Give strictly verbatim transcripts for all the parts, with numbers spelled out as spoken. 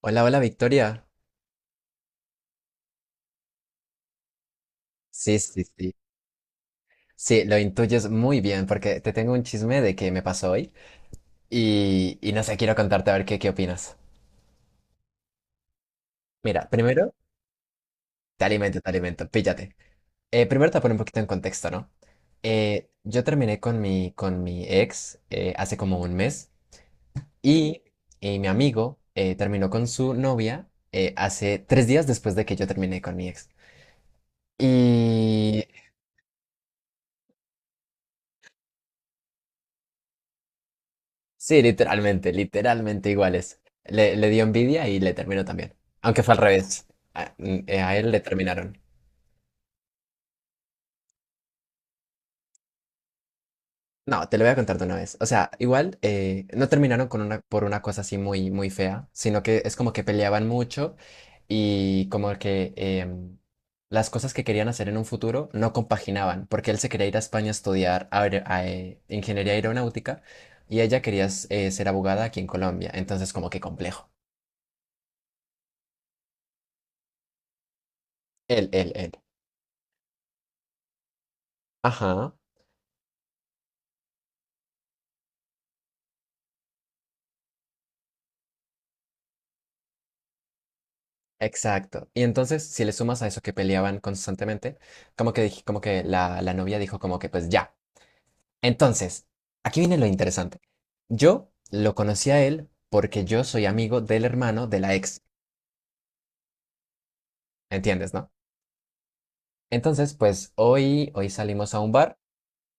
Hola, hola Victoria. Sí, sí, sí, sí. Sí, lo intuyes muy bien porque te tengo un chisme de que me pasó hoy y, y no sé, quiero contarte a ver qué, qué opinas. Mira, primero, te alimento, te alimento, píllate. Eh, primero te pongo un poquito en contexto, ¿no? Eh, yo terminé con mi, con mi ex eh, hace como un mes y, y mi amigo eh, terminó con su novia eh, hace tres días después de que yo terminé con mi ex. Y Sí, literalmente, literalmente iguales. Le, le dio envidia y le terminó también. Aunque fue al revés. A, mm, eh, a él le terminaron. No, te lo voy a contar de una vez. O sea, igual eh, no terminaron con una, por una cosa así muy, muy fea, sino que es como que peleaban mucho y como que em, las cosas que querían hacer en un futuro no compaginaban, porque él se quería ir a España a estudiar aer- a, eh, ingeniería aeronáutica y ella quería s- eh, ser abogada aquí en Colombia. Entonces, como que complejo. Él, él, él. Ajá. Exacto. Y entonces, si le sumas a eso que peleaban constantemente, como que dij- como que la, la novia dijo como que pues ya. Entonces, aquí viene lo interesante. Yo lo conocí a él porque yo soy amigo del hermano de la ex, ¿entiendes, no? Entonces, pues hoy hoy salimos a un bar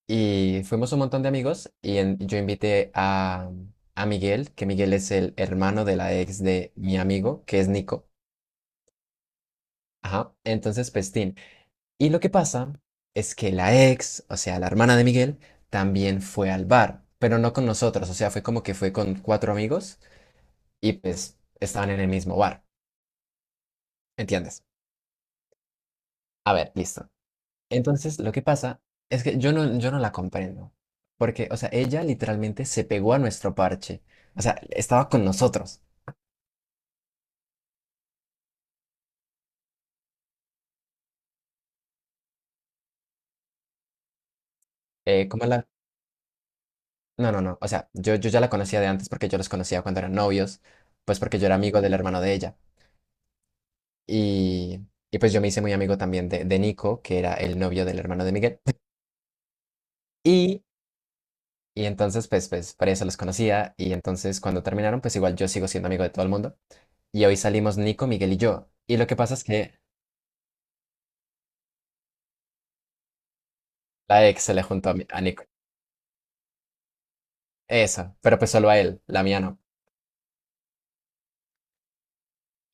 y fuimos un montón de amigos y en- yo invité a a Miguel, que Miguel es el hermano de la ex de mi amigo, que es Nico. Ajá. Entonces, Pestín. Y lo que pasa es que la ex, o sea, la hermana de Miguel, también fue al bar, pero no con nosotros, o sea, fue como que fue con cuatro amigos y pues estaban en el mismo bar, ¿entiendes? A ver, listo. Entonces, lo que pasa es que yo no, yo no la comprendo, porque, o sea, ella literalmente se pegó a nuestro parche, o sea, estaba con nosotros. Eh, ¿cómo la...? No, no, no, o sea, yo, yo ya la conocía de antes porque yo los conocía cuando eran novios, pues porque yo era amigo del hermano de ella. Y, y pues yo me hice muy amigo también de, de Nico, que era el novio del hermano de Miguel. Y, y entonces, pues, pues, por eso los conocía. Y entonces, cuando terminaron, pues igual yo sigo siendo amigo de todo el mundo. Y hoy salimos Nico, Miguel y yo. Y lo que pasa es que la ex se le juntó a, mi- a Nico. Eso, pero pues solo a él, la mía no.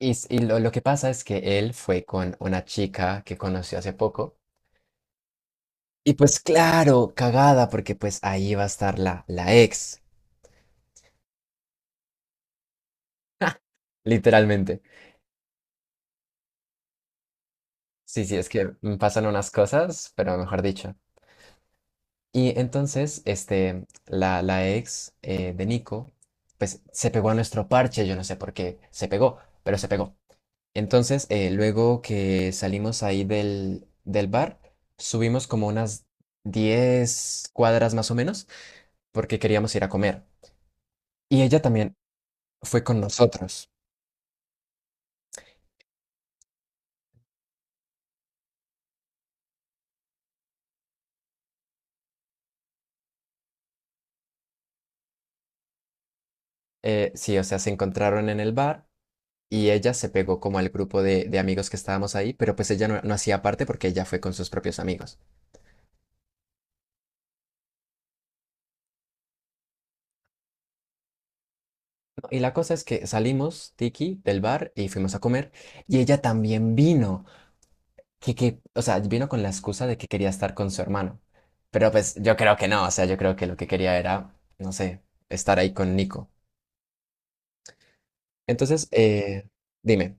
Y, s- y lo, lo que pasa es que él fue con una chica que conoció hace poco. Y pues claro, cagada, porque pues ahí va a estar la, la ex, literalmente. Sí, sí, es que me pasan unas cosas, pero mejor dicho. Y entonces, este, la, la ex eh, de Nico, pues se pegó a nuestro parche, yo no sé por qué se pegó, pero se pegó. Entonces, eh, luego que salimos ahí del, del bar, subimos como unas diez cuadras más o menos, porque queríamos ir a comer. Y ella también fue con nosotros. Eh, sí, o sea, se encontraron en el bar y ella se pegó como al grupo de, de amigos que estábamos ahí, pero pues ella no, no hacía parte porque ella fue con sus propios amigos. ¿No? Y la cosa es que salimos, Tiki, del bar y fuimos a comer y ella también vino, que, que, o sea, vino con la excusa de que quería estar con su hermano, pero pues yo creo que no, o sea, yo creo que lo que quería era, no sé, estar ahí con Nico. Entonces, eh, dime.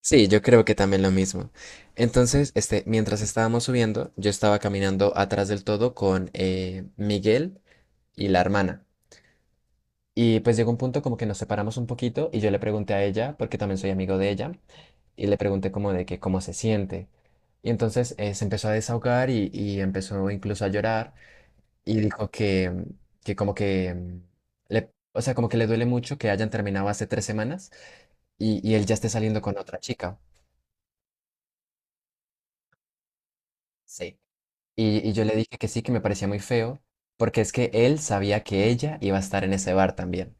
Sí, yo creo que también lo mismo. Entonces, este, mientras estábamos subiendo, yo estaba caminando atrás del todo con eh, Miguel y la hermana. Y pues llegó un punto como que nos separamos un poquito y yo le pregunté a ella, porque también soy amigo de ella, y le pregunté como de que cómo se siente. Y entonces eh, se empezó a desahogar y, y empezó incluso a llorar y dijo que, que como que mm, le, o sea, como que le duele mucho que hayan terminado hace tres semanas y, y él ya esté saliendo con otra chica. Sí. Y, y yo le dije que sí, que me parecía muy feo, porque es que él sabía que ella iba a estar en ese bar también.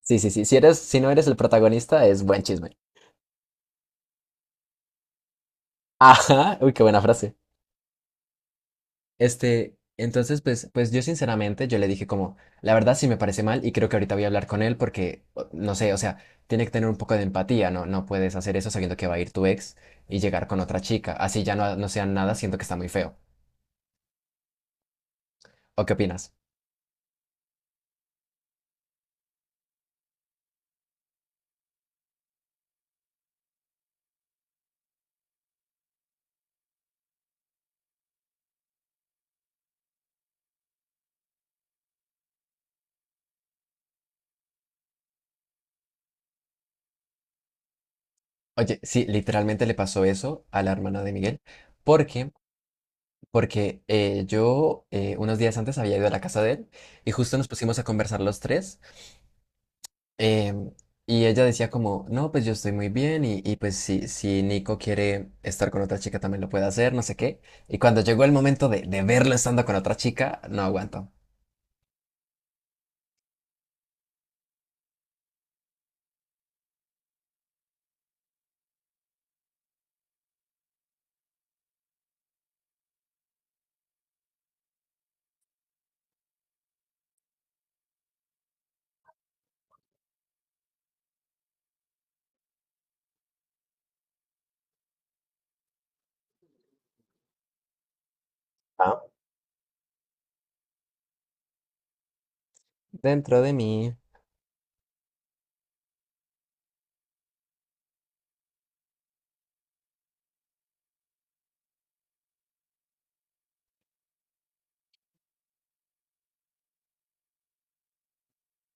Sí, sí, sí. Si eres, si no eres el protagonista, es buen chisme. Ajá. Uy, qué buena frase. Este, entonces, pues, pues yo sinceramente, yo le dije como, la verdad sí me parece mal y creo que ahorita voy a hablar con él porque, o- no sé, o sea, tiene que tener un poco de empatía, ¿no? No puedes hacer eso sabiendo que va a ir tu ex y llegar con otra chica. Así ya no, no sean nada, siento que está muy feo. ¿O qué opinas? Oye, sí, literalmente le pasó eso a la hermana de Miguel. ¿Por qué? Porque eh, yo eh, unos días antes había ido a la casa de él y justo nos pusimos a conversar los tres. Em, y ella decía como, no, pues yo estoy muy bien y, y pues si, si, Nico quiere estar con otra chica también lo puede hacer, no sé qué. Y cuando llegó el momento de, de verlo estando con otra chica, no aguanto. Ah, dentro de mí.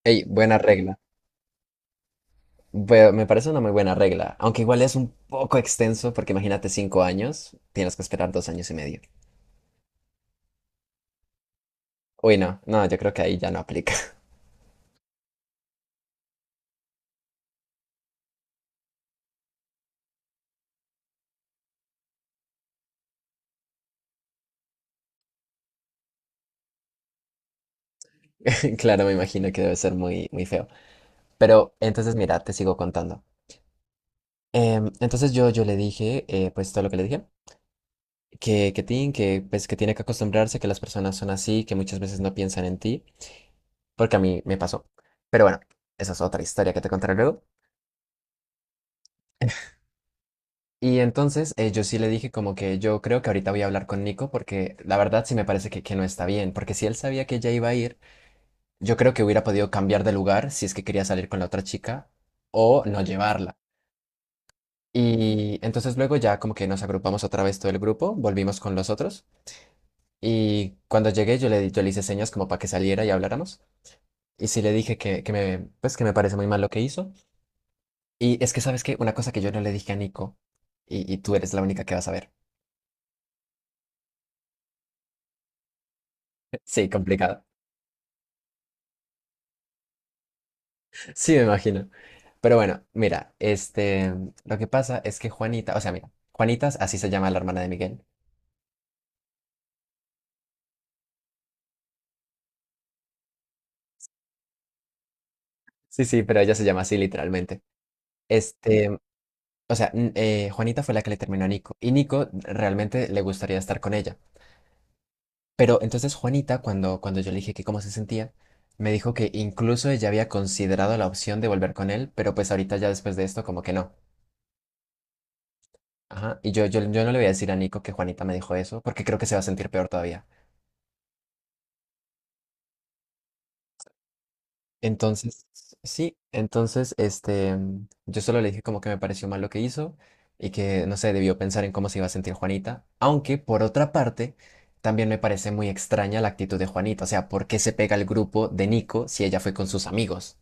Ey, buena regla. Bu- me parece una muy buena regla, aunque igual es un poco extenso porque imagínate cinco años, tienes que esperar dos años y medio. Uy, no, no, yo creo que ahí ya no aplica. Claro, me imagino que debe ser muy, muy feo. Pero entonces mira, te sigo contando. Em, entonces yo, yo le dije, eh, pues todo lo que le dije, que, que, tin, que, pues, que tiene que acostumbrarse, que las personas son así, que muchas veces no piensan en ti, porque a mí me pasó. Pero bueno, esa es otra historia que te contaré luego. Y entonces eh, yo sí le dije como que yo creo que ahorita voy a hablar con Nico porque la verdad sí me parece que, que no está bien, porque si él sabía que ella iba a ir, yo creo que hubiera podido cambiar de lugar si es que quería salir con la otra chica o no llevarla. Y entonces luego ya como que nos agrupamos otra vez todo el grupo, volvimos con los otros. Y cuando llegué yo le, di- yo le hice señas como para que saliera y habláramos. Y sí le dije que, que me, pues que me parece muy mal lo que hizo. Y es que, ¿sabes qué? Una cosa que yo no le dije a Nico, y, y tú eres la única que vas a ver. Sí, complicado. Sí, me imagino. Pero bueno, mira, este, lo que pasa es que Juanita, o sea, mira, Juanita, así se llama la hermana de Miguel. Sí, sí, pero ella se llama así literalmente. Este, o sea, n- eh, Juanita fue la que le terminó a Nico. Y Nico realmente le gustaría estar con ella. Pero entonces Juanita, cuando, cuando yo le dije que cómo se sentía, me dijo que incluso ella había considerado la opción de volver con él, pero pues ahorita ya después de esto como que no. Ajá, y yo, yo, yo no le voy a decir a Nico que Juanita me dijo eso, porque creo que se va a sentir peor todavía. Entonces, sí, entonces, este, yo solo le dije como que me pareció mal lo que hizo y que, no sé, debió pensar en cómo se iba a sentir Juanita, aunque por otra parte, también me parece muy extraña la actitud de Juanita, o sea, ¿por qué se pega al grupo de Nico si ella fue con sus amigos?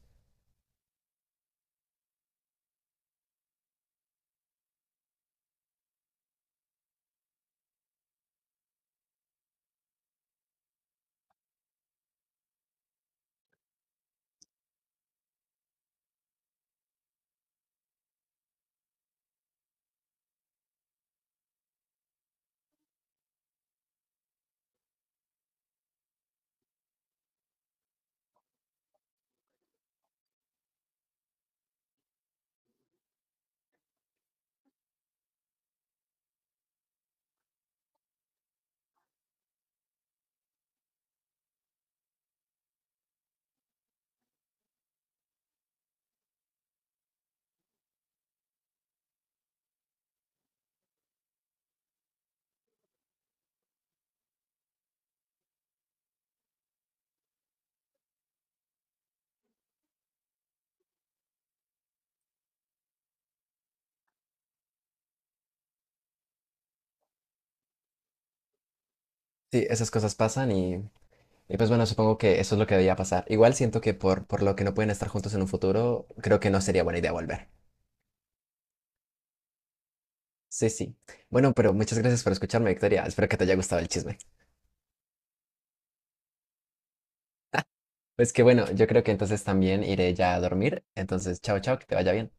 Sí, esas cosas pasan y, y pues bueno, supongo que eso es lo que debía pasar. Igual siento que por, por lo que no pueden estar juntos en un futuro, creo que no sería buena idea volver. Sí, sí. Bueno, pero muchas gracias por escucharme, Victoria. Espero que te haya gustado el chisme. Pues que bueno, yo creo que entonces también iré ya a dormir. Entonces, chao, chao, que te vaya bien.